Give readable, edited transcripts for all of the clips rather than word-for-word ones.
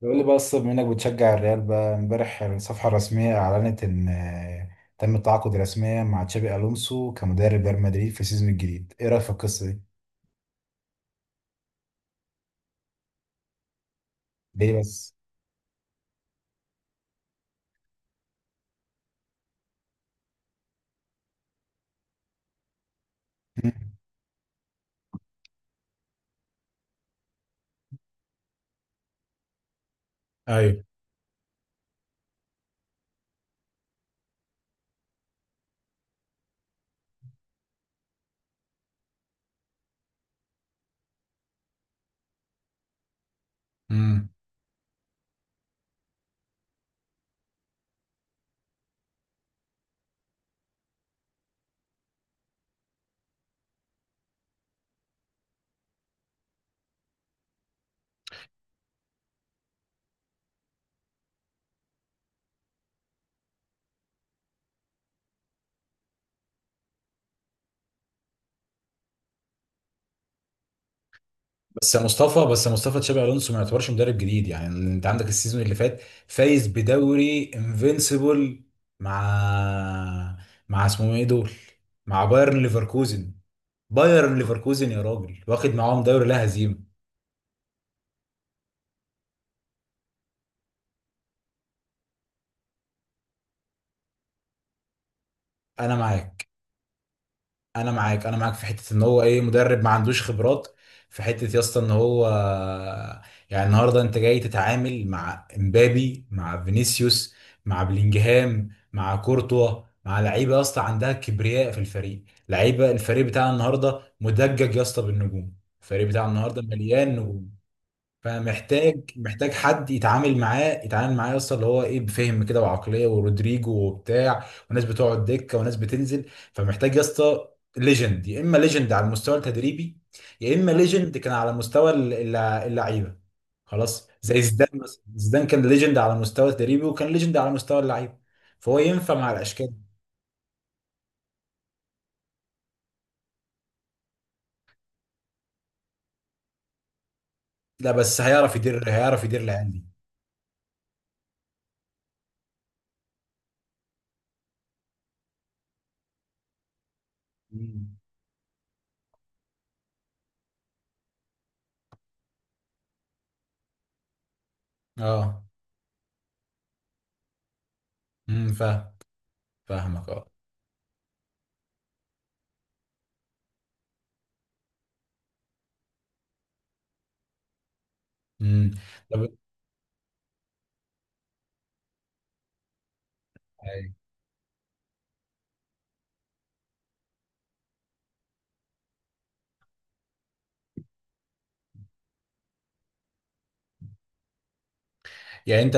بيقول لي بقى الصب منك بتشجع الريال بقى، امبارح الصفحة الرسمية أعلنت إن تم التعاقد رسميا مع تشابي ألونسو كمدرب ريال مدريد في السيزون الجديد، إيه رأيك في القصة دي؟ ليه بس؟ مم. ايوه. امم. بس يا مصطفى، بس يا مصطفى، تشابي الونسو ما يعتبرش مدرب جديد، يعني انت عندك السيزون اللي فات فايز بدوري انفينسيبل، مع مع اسمهم ايه دول؟ مع بايرن ليفركوزن. بايرن ليفركوزن يا راجل، واخد معاهم دوري لا هزيمه. انا معاك، انا معاك، انا معاك في حته ان هو ايه، مدرب ما عندوش خبرات، في حته يا اسطى ان هو يعني النهارده انت جاي تتعامل مع امبابي، مع فينيسيوس، مع بلينجهام، مع كورتوا، مع لعيبه يا اسطى عندها كبرياء في الفريق، لعيبه الفريق بتاعنا النهارده مدجج يا اسطى بالنجوم. الفريق بتاعنا النهارده مليان نجوم. فمحتاج، حد يتعامل معاه، يتعامل معاه اصلا اللي هو ايه، بفهم كده وعقليه ورودريجو وبتاع، وناس بتقعد دكه وناس بتنزل، فمحتاج يا اسطى ليجند، يا اما ليجند على المستوى التدريبي، يا اما ليجند كان على مستوى اللعيبه. خلاص، زي زيدان مثلا، زيدان كان ليجند على مستوى التدريبي وكان ليجند على مستوى اللعيبه، فهو ينفع مع الاشكال دي. لا بس هيعرف يدير، هيعرف يدير العيال دي. مم. اه. امم، فاهم. فاهمك اه. امم، طب يعني انت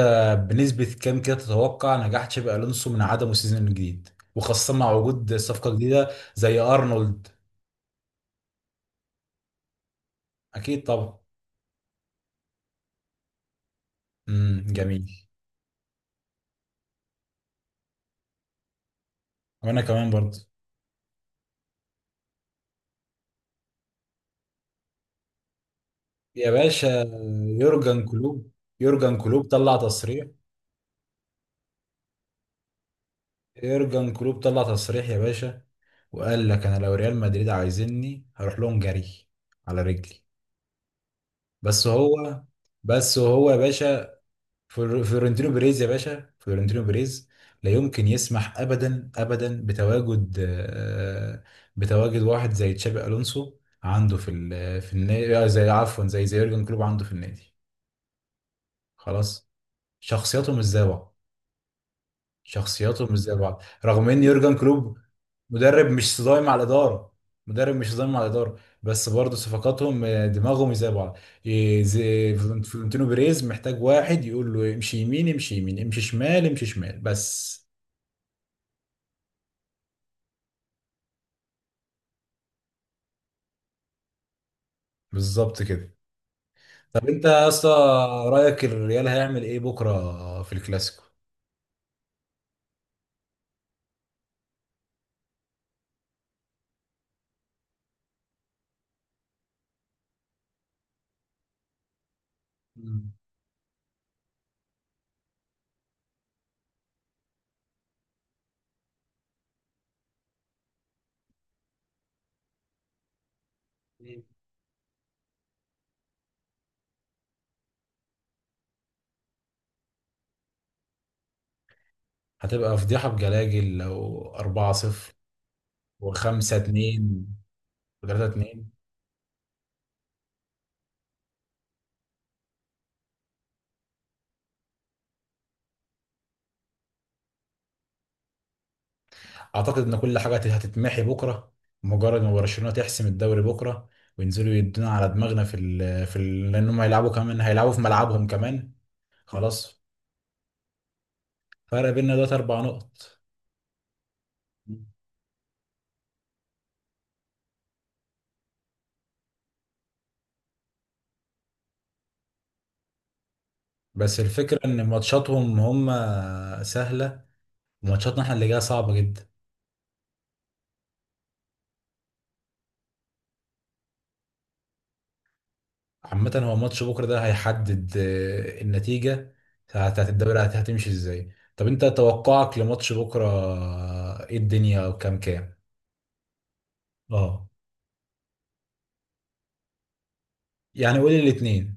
بنسبة كام كده تتوقع نجاح تشابي الونسو من عدمه السيزون الجديد، وخاصة مع وجود صفقة جديدة زي ارنولد؟ اكيد طبعا. امم، جميل. وانا كمان برضه. يا باشا، يورجن كلوب، يورجن كلوب طلع تصريح، يورجن كلوب طلع تصريح يا باشا، وقال لك انا لو ريال مدريد عايزيني هروح لهم جري على رجلي. بس هو، بس هو يا باشا، فلورنتينو بيريز يا باشا، فلورنتينو بيريز لا يمكن يسمح ابدا ابدا بتواجد، بتواجد واحد زي تشابي الونسو عنده في النادي، زي، عفوا، زي يورجن كلوب عنده في النادي. خلاص، شخصياتهم مش زي بعض. شخصياتهم مش زي بعض، رغم ان يورجن كلوب مدرب مش صدايم مع الاداره، مدرب مش صدايم مع الاداره، بس برضه صفقاتهم، دماغهم زي بعض. إيه، زي فلورنتينو بيريز محتاج واحد يقول له امشي يمين، امشي يمين، امشي شمال، امشي شمال بس. بالظبط كده. طب انت يا اسطى، رايك الريال هيعمل ايه بكره في الكلاسيكو؟ مم. مم. هتبقى فضيحه بجلاجل لو 4-0 و5-2 و3-2. اعتقد ان كل حاجه هتتمحي بكره، مجرد ما برشلونه تحسم الدوري بكره، وينزلوا يدونا على دماغنا في ال لانهم هيلعبوا كمان، هيلعبوا في ملعبهم كمان. خلاص. فرق بيننا دلوقتي اربع نقط، بس الفكره ان ماتشاتهم هم سهله، وماتشاتنا احنا اللي جايه صعبه جدا. عامه هو ماتش بكره ده هيحدد النتيجه بتاعت الدوري هتمشي ازاي. طب انت توقعك لماتش بكره، ايه الدنيا، وكام كام؟ اه. يعني قولي الاتنين.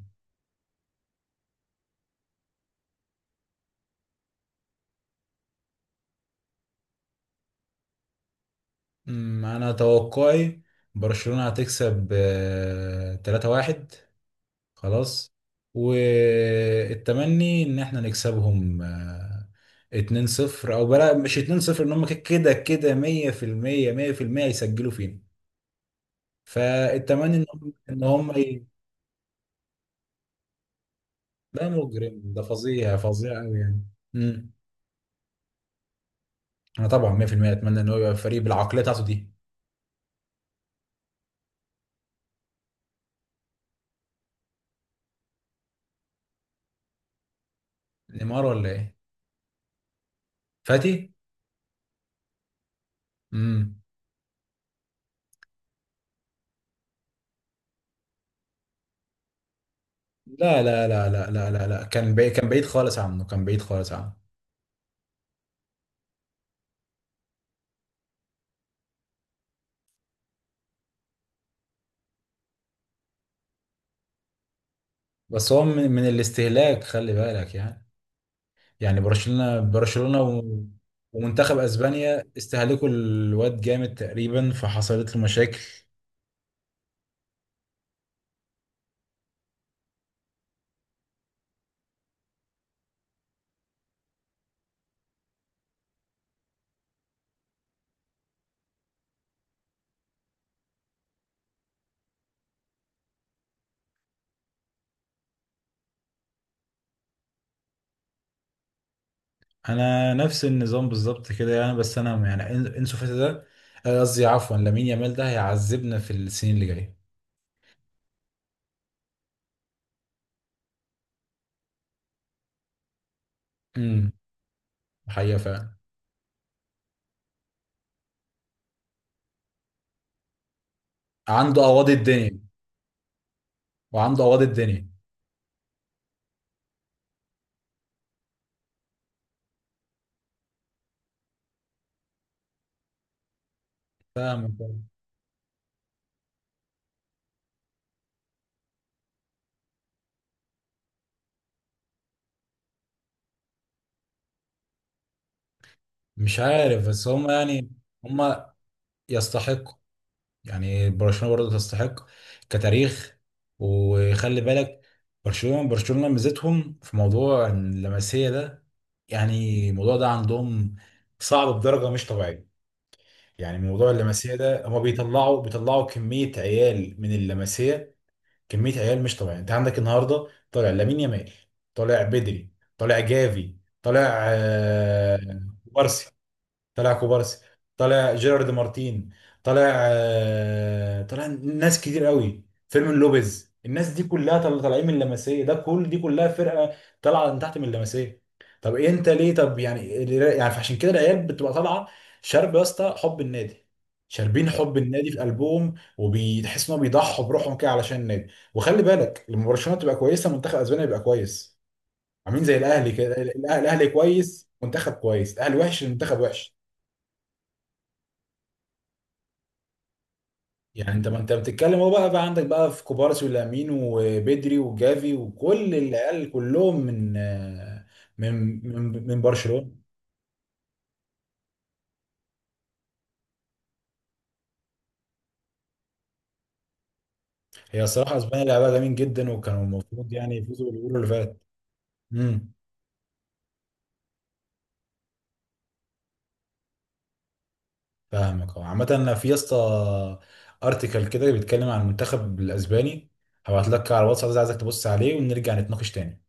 انا توقعي برشلونة هتكسب 3-1. خلاص. والتمني ان احنا نكسبهم، 2-0، او بلا مش 2-0، ان هم كده كده 100% 100% يسجلوا فينا، فالتمني ان هم. ده مجرم، ده فظيع فظيع قوي يعني. امم. انا طبعا 100% اتمنى ان هو يبقى فريق بالعقليه بتاعته دي. نيمار ولا ايه؟ فاتي. امم. لا لا لا لا لا لا لا، كان بعيد، كان بعيد خالص عنه، كان بعيد خالص عنه. بس هو من الاستهلاك، خلي بالك يعني، يعني برشلونة برشلونة ومنتخب اسبانيا استهلكوا الواد جامد تقريبا، فحصلت له مشاكل. انا نفس النظام بالظبط كده يعني، بس انا يعني انسو فاتي ده، قصدي عفوا لامين يامال ده هيعذبنا في السنين اللي جايه. امم. حقيقة فعلا. عنده اواضي الدنيا، وعنده اواضي الدنيا. فاهم. مش عارف بس هم يعني، هم يستحق، يعني برشلونة برضه تستحق كتاريخ، وخلي بالك. برشلونة برشلونة ميزتهم في موضوع اللمسية ده، يعني الموضوع ده عندهم صعب بدرجة مش طبيعية. يعني موضوع اللمسية ده هما بيطلعوا كمية عيال من اللمسية، كمية عيال مش طبيعية. انت عندك النهاردة طالع لامين يامال، طالع بدري، طالع جافي، طالع كوبارسي. طلع كوبارسي، طلع جيرارد مارتين، طلع طلع ناس كتير قوي، فيرمين لوبيز، الناس دي كلها طالعين من اللمسيه ده، كل دي كلها فرقه طالعه من تحت من اللمسيه. طب إيه انت ليه، طب يعني فعشان كده العيال بتبقى طالعه شارب يا اسطى حب النادي، شاربين حب النادي في قلبهم وبيتحس انهم بيضحوا بروحهم كده علشان النادي. وخلي بالك، لما برشلونه تبقى كويسه منتخب اسبانيا يبقى كويس، عاملين زي الاهلي كده، الاهلي كويس منتخب كويس، الاهلي وحش المنتخب وحش. يعني انت بتتكلم، هو بقى عندك بقى في كوبارسي ولامين وبدري وجافي، وكل العيال كلهم من من برشلونة. هي الصراحة اسبانيا لعبها جميل جدا، وكانوا المفروض يعني يفوزوا باليورو اللي فات. امم. فاهمك اه. عامة انا في يا اسطى ارتكل كده بيتكلم عن المنتخب الاسباني، هبعت لك على الواتساب، عايزك تبص عليه ونرجع نتناقش تاني.